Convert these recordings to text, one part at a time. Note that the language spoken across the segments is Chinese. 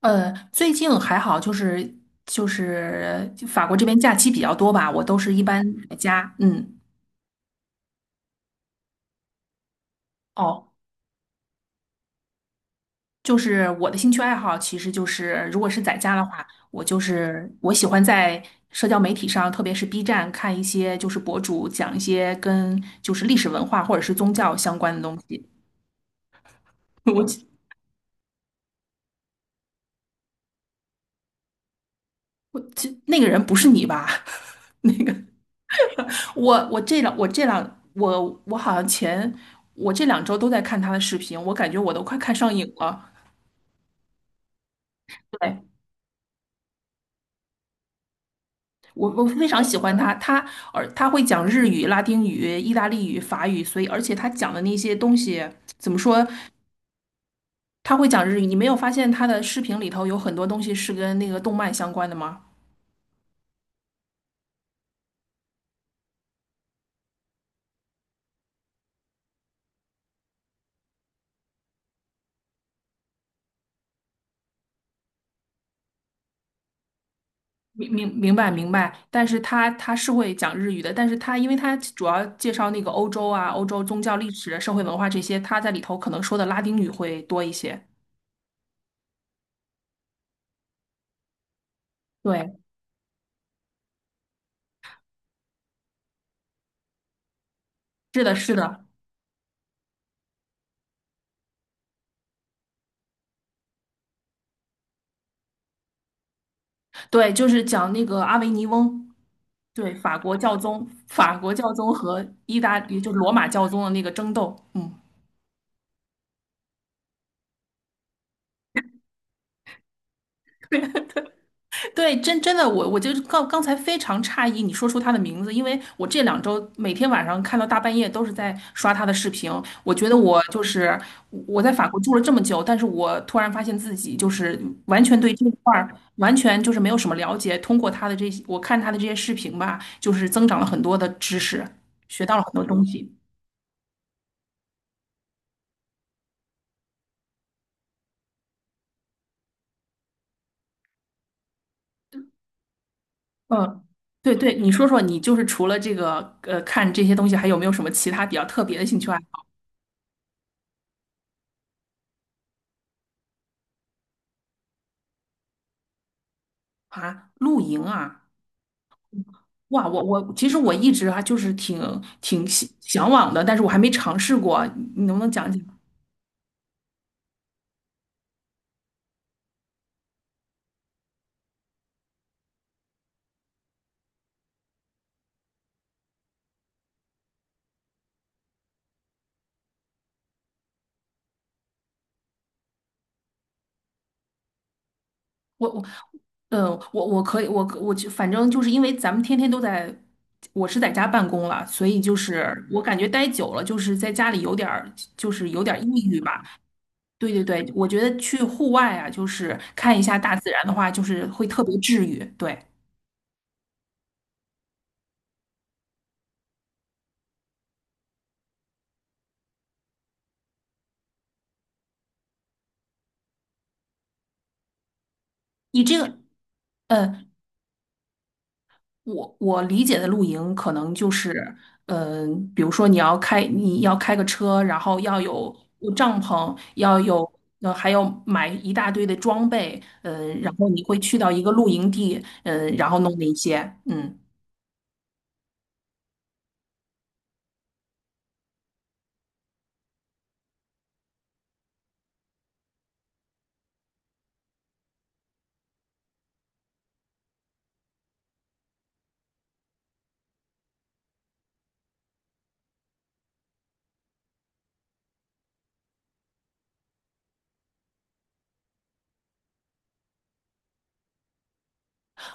最近还好，就是法国这边假期比较多吧，我都是一般在家。嗯，哦，就是我的兴趣爱好，其实就是如果是在家的话，我就是我喜欢在社交媒体上，特别是 B 站看一些就是博主讲一些跟就是历史文化或者是宗教相关的东西。我这这那个人不是你吧？我我这两我这两我我好像前我这两周都在看他的视频，我感觉我都快看上瘾了。对。我非常喜欢他，而他会讲日语、拉丁语、意大利语、法语，所以而且他讲的那些东西怎么说？他会讲日语，你没有发现他的视频里头有很多东西是跟那个动漫相关的吗？明白明白，但是他是会讲日语的，但是因为他主要介绍那个欧洲啊、欧洲宗教历史、社会文化这些，他在里头可能说的拉丁语会多一些。对，是的，是的。对，就是讲那个阿维尼翁，对，法国教宗，法国教宗和意大利就罗马教宗的那个争斗，嗯。对，真的，我就是刚刚才非常诧异你说出他的名字，因为我这两周每天晚上看到大半夜都是在刷他的视频。我觉得我就是我在法国住了这么久，但是我突然发现自己就是完全对这一块儿完全就是没有什么了解。通过他的这些，我看他的这些视频吧，就是增长了很多的知识，学到了很多东西。嗯，对对，你说说，你就是除了这个看这些东西，还有没有什么其他比较特别的兴趣爱好啊？露营啊，哇，我其实一直啊就是挺向往的，但是我还没尝试过，你能不能讲讲？我我呃我我可以我可我就反正就是因为咱们天天都在，我是在家办公了，所以就是我感觉待久了，就是在家里有点儿抑郁吧。对对对，我觉得去户外啊，就是看一下大自然的话，就是会特别治愈。对，你这个，呃，我我理解的露营可能就是，嗯、比如说你要开个车，然后要有帐篷，要有还要买一大堆的装备，嗯、然后你会去到一个露营地，嗯、然后弄那些，嗯，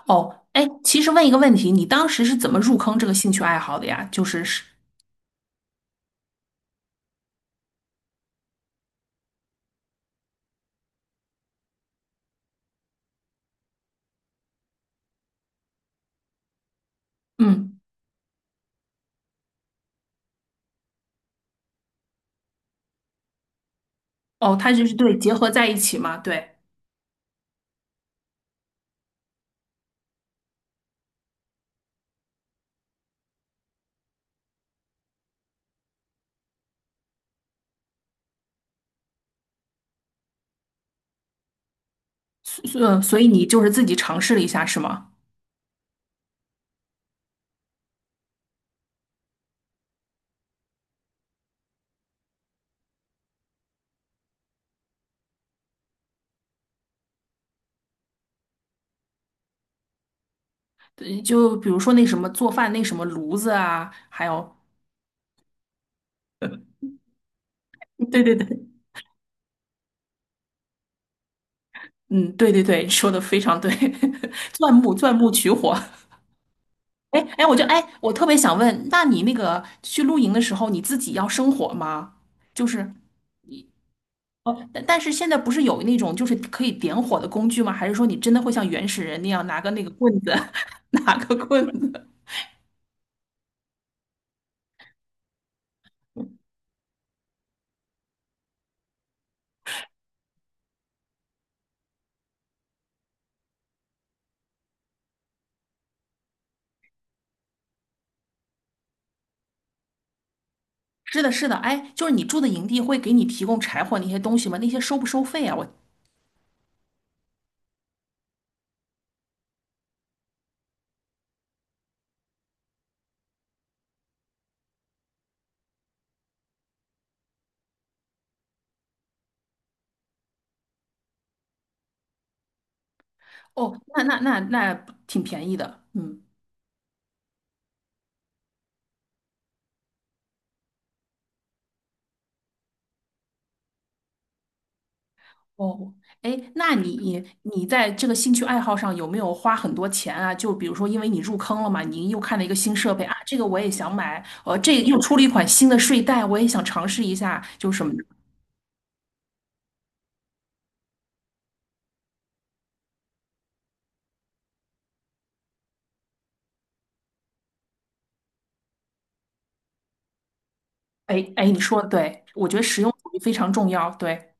哦，哎，其实问一个问题，你当时是怎么入坑这个兴趣爱好的呀？嗯。哦，它就是对结合在一起嘛，对，所以你就是自己尝试了一下是吗？对就比如说那什么做饭那什么炉子啊，还有，嗯对对对，嗯，对对对，说的非常对，钻木取火。哎哎，哎，我特别想问，那你那个去露营的时候，你自己要生火吗？就是哦，但是现在不是有那种就是可以点火的工具吗？还是说你真的会像原始人那样拿个那个棍子，拿个棍子？是的，是的，哎，就是你住的营地会给你提供柴火那些东西吗？那些收不收费啊？哦，那挺便宜的，嗯，哦，哎，那你在这个兴趣爱好上有没有花很多钱啊？就比如说，因为你入坑了嘛，你又看了一个新设备啊，这个我也想买，这又出了一款新的睡袋，我也想尝试一下，就是什么的，哎哎，你说的对，我觉得实用主义非常重要，对。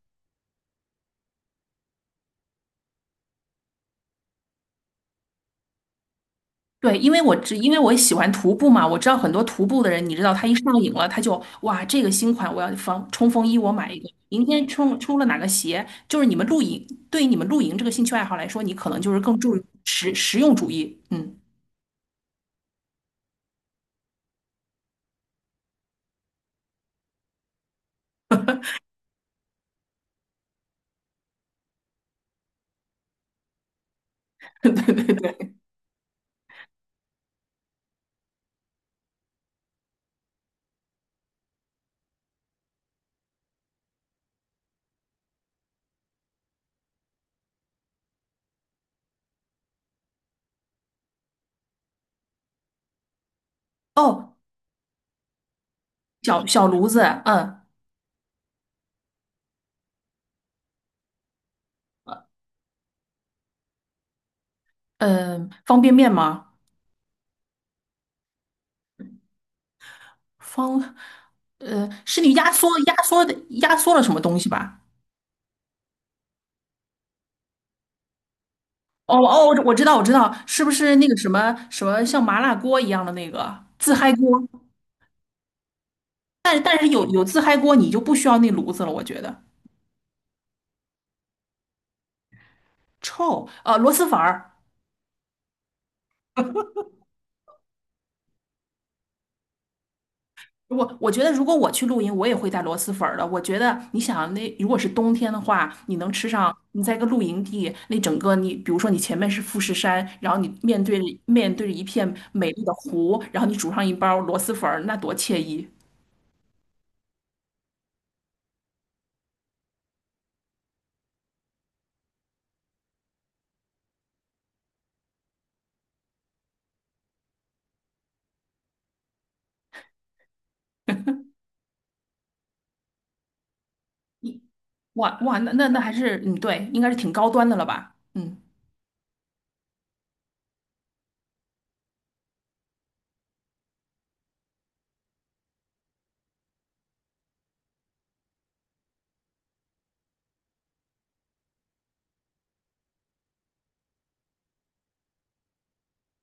对，因为我喜欢徒步嘛，我知道很多徒步的人，你知道他一上瘾了，他就哇，这个新款我要防冲锋衣，我买一个。明天冲出了哪个鞋，就是你们露营，对于你们露营这个兴趣爱好来说，你可能就是更注重实用主义。嗯，对对对。哦，小小炉子，嗯嗯，方便面吗？方，是你压缩了什么东西吧？哦哦，我知道我知道，是不是那个什么什么像麻辣锅一样的那个自嗨锅？但是有自嗨锅，你就不需要那炉子了，我觉得臭。螺蛳粉儿，我觉得如果我去露营，我也会带螺蛳粉儿的。我觉得你想那如果是冬天的话，你能吃上，你在一个露营地，那整个你比如说你前面是富士山，然后你面对着面对着一片美丽的湖，然后你煮上一包螺蛳粉儿，那多惬意！你哇哇，那还是嗯，对，应该是挺高端的了吧？嗯。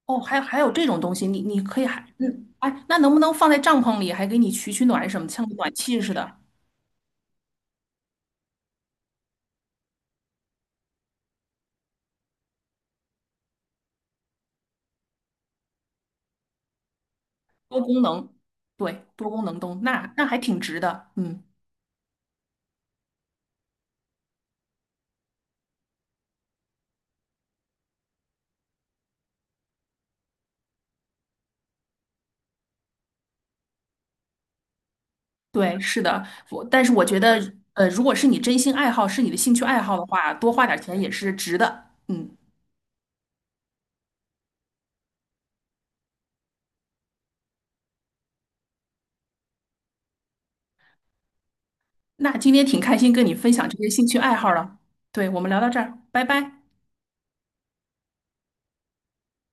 哦，还有这种东西，你可以哎，那能不能放在帐篷里，还给你取取暖什么，像个暖气似的，多功能，对，多功能灯，那还挺值的，嗯，对，是的，但是我觉得，如果是你真心爱好，是你的兴趣爱好的话，多花点钱也是值的，嗯，那今天挺开心跟你分享这些兴趣爱好了，对，我们聊到这儿，拜拜。